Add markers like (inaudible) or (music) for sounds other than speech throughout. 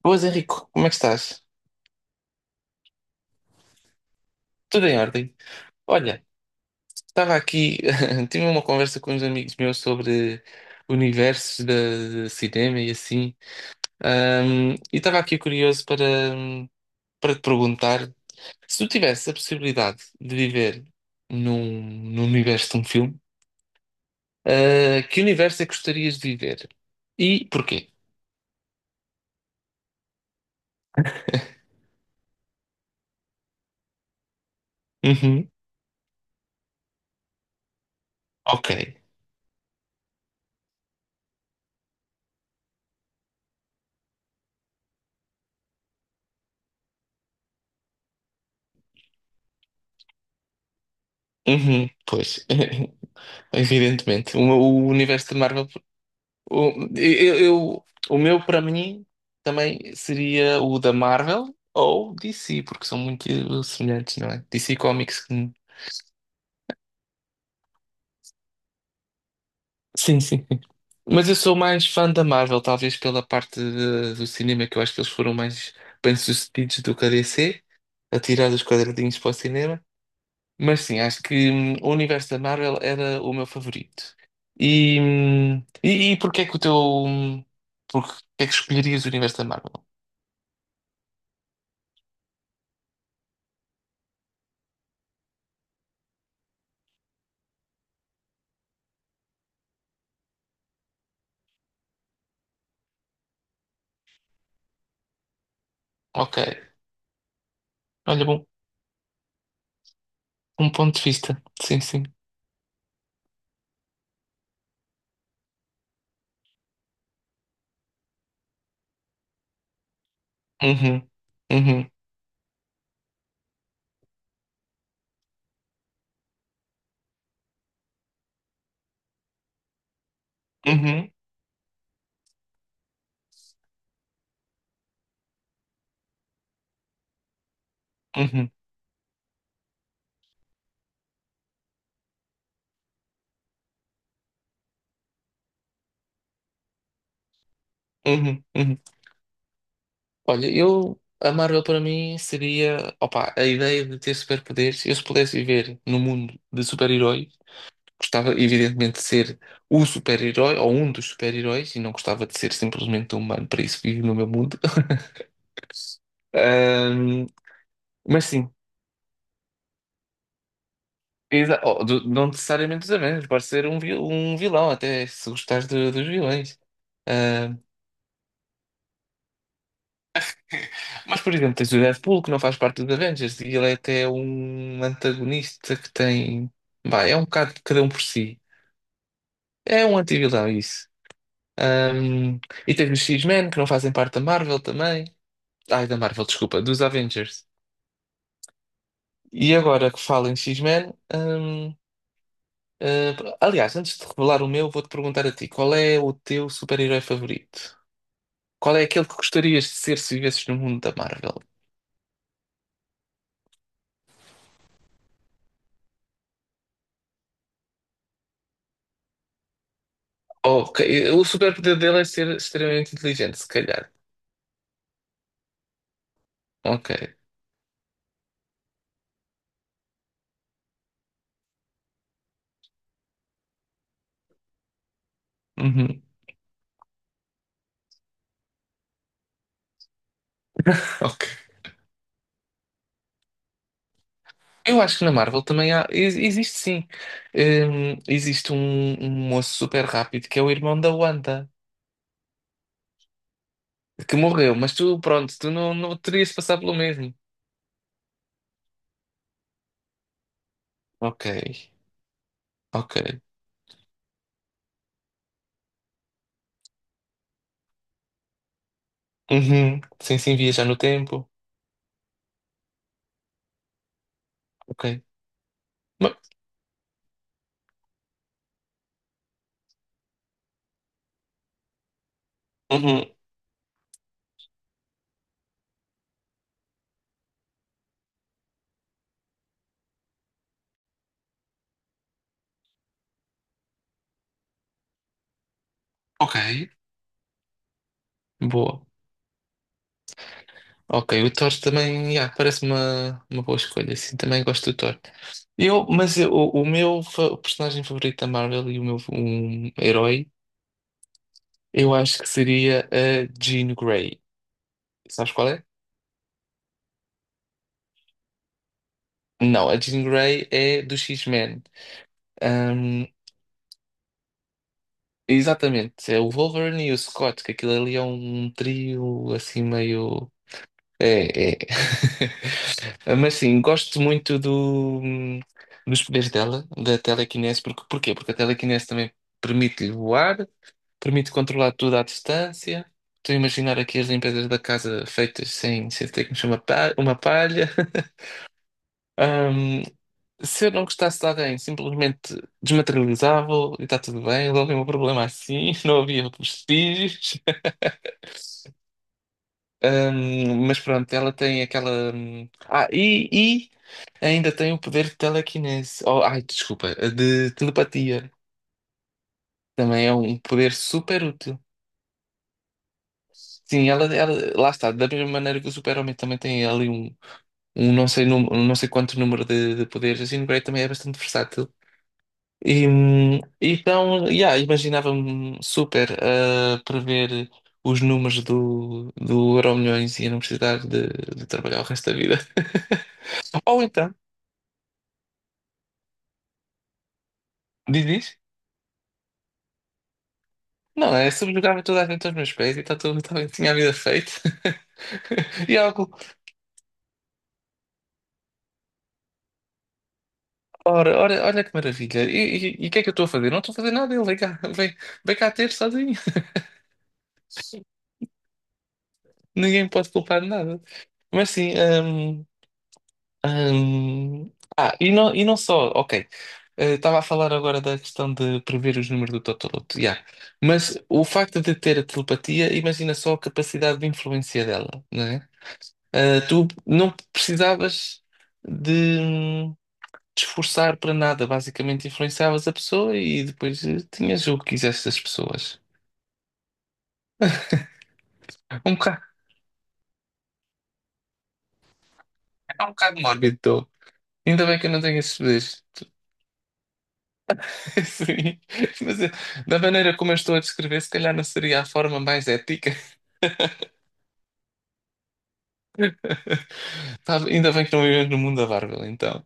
Boas, Henrico, como é que estás? Tudo em ordem? Olha, estava aqui, (laughs) tive uma conversa com uns amigos meus sobre universos de cinema e assim. E estava aqui curioso para, para te perguntar se tu tivesse a possibilidade de viver num, num universo de um filme. Que universo é que gostarias de viver? E porquê? Uhum, ok. Uhum, pois, (laughs) evidentemente. O universo de Marvel. O, eu, eu- o meu, para mim, também seria o da Marvel ou DC, porque são muito semelhantes, não é? DC Comics. Sim, sim. Mas eu sou mais fã da Marvel, talvez pela parte do cinema, que eu acho que eles foram mais bem-sucedidos do que a DC, a tirar os quadradinhos para o cinema. Mas sim, acho que o universo da Marvel era o meu favorito. E porquê é que o teu. Porque é que escolherias o universo da Marvel? Ok. Olha, bom. Um ponto de vista. Sim, sim. Uhum. Uhum. Uhum. Uhum. Uhum. Uhum. Olha, eu. A Marvel para mim seria. Opa, a ideia de ter superpoderes. Eu, se pudesse viver num mundo de super-heróis, gostava, evidentemente, de ser o super-herói ou um dos super-heróis e não gostava de ser simplesmente um humano. Para isso, vivo no meu mundo. (laughs) Ahm, mas sim, não necessariamente dos Avengers, pode ser um, um vilão, até se gostares dos vilões. Mas, por exemplo, tens o Deadpool que não faz parte dos Avengers e ele é até um antagonista que tem. Bah, é um bocado de cada um por si. É um anti-vilão, isso. Ahm, e tens os X-Men que não fazem parte da Marvel também. Ai, da Marvel, desculpa, dos Avengers. E agora que falo em X-Men. Aliás, antes de revelar o meu, vou-te perguntar a ti: qual é o teu super-herói favorito? Qual é aquele que gostarias de ser se vivesses no mundo da Marvel? Ok, o superpoder dele é ser extremamente inteligente, se calhar. Ok. Uhum, ok. Eu acho que na Marvel também há. Existe sim. Existe um, um moço super rápido que é o irmão da Wanda, que morreu, mas tu, pronto, tu não, não terias de passar pelo mesmo. Ok, ok. Uhum. Sim, sim, viajar no tempo. Ok. Ma- Uhum. Ok. Boa. Ok, o Thor também, yeah, parece uma boa escolha, sim, também gosto do Thor. Eu, mas eu- o meu personagem favorito da Marvel e o meu herói. Eu acho que seria a Jean Grey. Sabes qual é? Não, a Jean Grey é do X-Men. Ahm, Exatamente, é o Wolverine e o Scott, que aquilo ali é um trio assim meio. É, é. (laughs) Mas sim, gosto muito dos poderes dela, da telequinese. Porque, porquê? Porque a telequinese também permite-lhe voar, permite controlar tudo à distância. Estou a imaginar aqui as limpezas da casa feitas sem ter que mexer uma uma palha. (laughs) Se eu não gostasse de alguém, simplesmente desmaterializava e está tudo bem, resolvi o meu problema assim, (laughs) não havia vestígios. Mas pronto, ela tem aquela. E ainda tem o poder de telequinese. Oh, ai, desculpa, de telepatia. Também é um poder super útil. Sim, ela, lá está, da mesma maneira que o Super-Homem também tem ali um, um não sei, um não sei quanto número de poderes, assim, o Grey também é bastante versátil. Yeah, imaginava-me super a prever os números do Euromilhões e a não precisar de trabalhar o resto da vida. (laughs) Ou então, diz isso? Não, é subjugava toda a gente aos meus pés e tá tudo, tá, tinha a vida feita. (laughs) E é algo. Ora, ora, olha que maravilha. E o que é que eu estou a fazer? Não estou a fazer nada, ele vem cá, vem, vem cá ter sozinho. (laughs) Ninguém me pode culpar de nada. Mas sim, Hum, e não só, ok. Estava a falar agora da questão de prever os números do Totoloto, yeah. Mas o facto de ter a telepatia, imagina só a capacidade de influência dela, não é? Tu não precisavas de te esforçar para nada, basicamente influenciavas a pessoa e depois tinhas o que quisesse das pessoas. Um bocado, é um bocado mórbido, tô. Ainda bem que eu não tenho esses poderes. (laughs) Sim, mas eh, da maneira como eu estou a descrever, se calhar não seria a forma mais ética. (laughs) Tá, ainda bem que não vivemos no mundo da Marvel, então.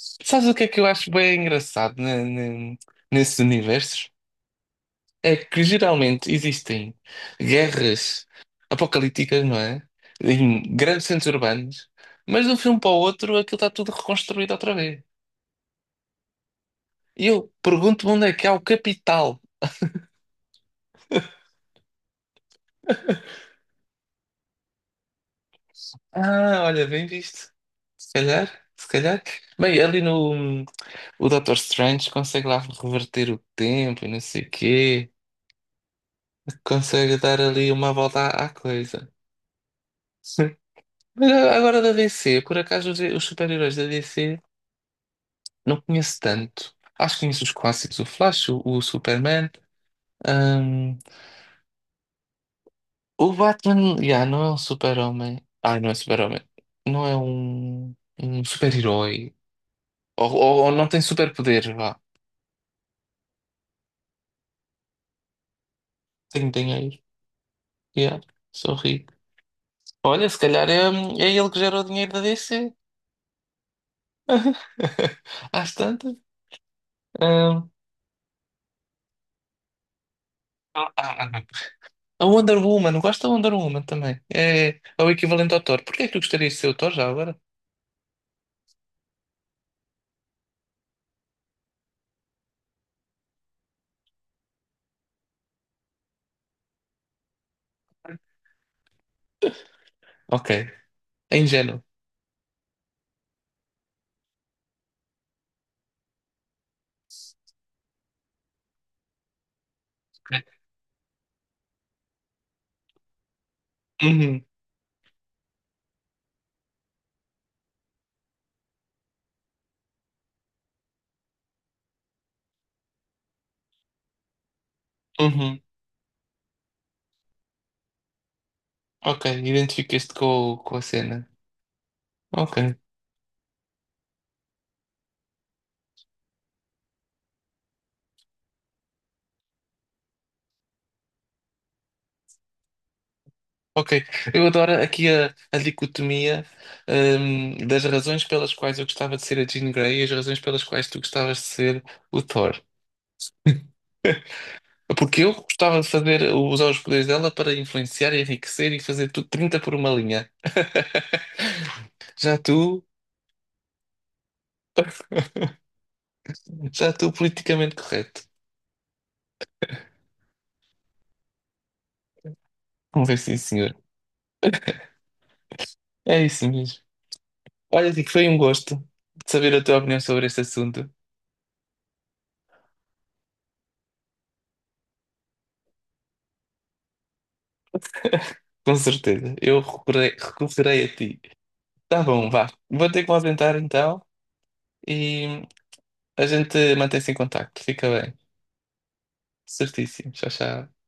Sabes o que é que eu acho bem engraçado nesses universos? É que geralmente existem guerras apocalípticas, não é? Em grandes centros urbanos, mas de um filme para o outro aquilo está tudo reconstruído outra vez. E eu pergunto-me onde é que há o capital. Ah, olha, bem visto. Se calhar, se calhar. Bem, ali no. O Dr Strange consegue lá reverter o tempo e não sei o quê. Consegue dar ali uma volta à coisa. (laughs) Sim. Mas agora da DC, por acaso os super-heróis da DC não conheço tanto. Acho que conheço os clássicos, o Flash, o Superman. hum, o Batman, yeah, não é um super-homem. Ah, não é super-homem. Não é um, um super-herói. Ou não tem superpoder, vá. Tem dinheiro. Yeah, sou rico. Olha, se calhar é, é ele que gera o dinheiro da DC. (laughs) Às tantas. hum, ah, ah, ah. A Wonder Woman, gosto da Wonder Woman também. É, é o equivalente ao Thor. Porquê é que tu gostarias de ser o Thor já agora? Ok. É ingênuo. Uhum, uhum. Ok, identificas-te com a cena. Ok. Ok, eu adoro aqui a dicotomia, das razões pelas quais eu gostava de ser a Jean Grey e as razões pelas quais tu gostavas de ser o Thor. Porque eu gostava de fazer, usar os poderes dela para influenciar, enriquecer e fazer tudo 30 por uma linha. Já tu, (laughs) já tu politicamente correto. Vamos ver sim, senhor. É isso mesmo. Olha, Dico, foi um gosto de saber a tua opinião sobre este assunto. Com certeza, eu recorrei, recorrerei a ti. Tá bom, vá. Vou ter que me ausentar então. E a gente mantém-se em contacto, fica bem. Certíssimo, tchau, tchau.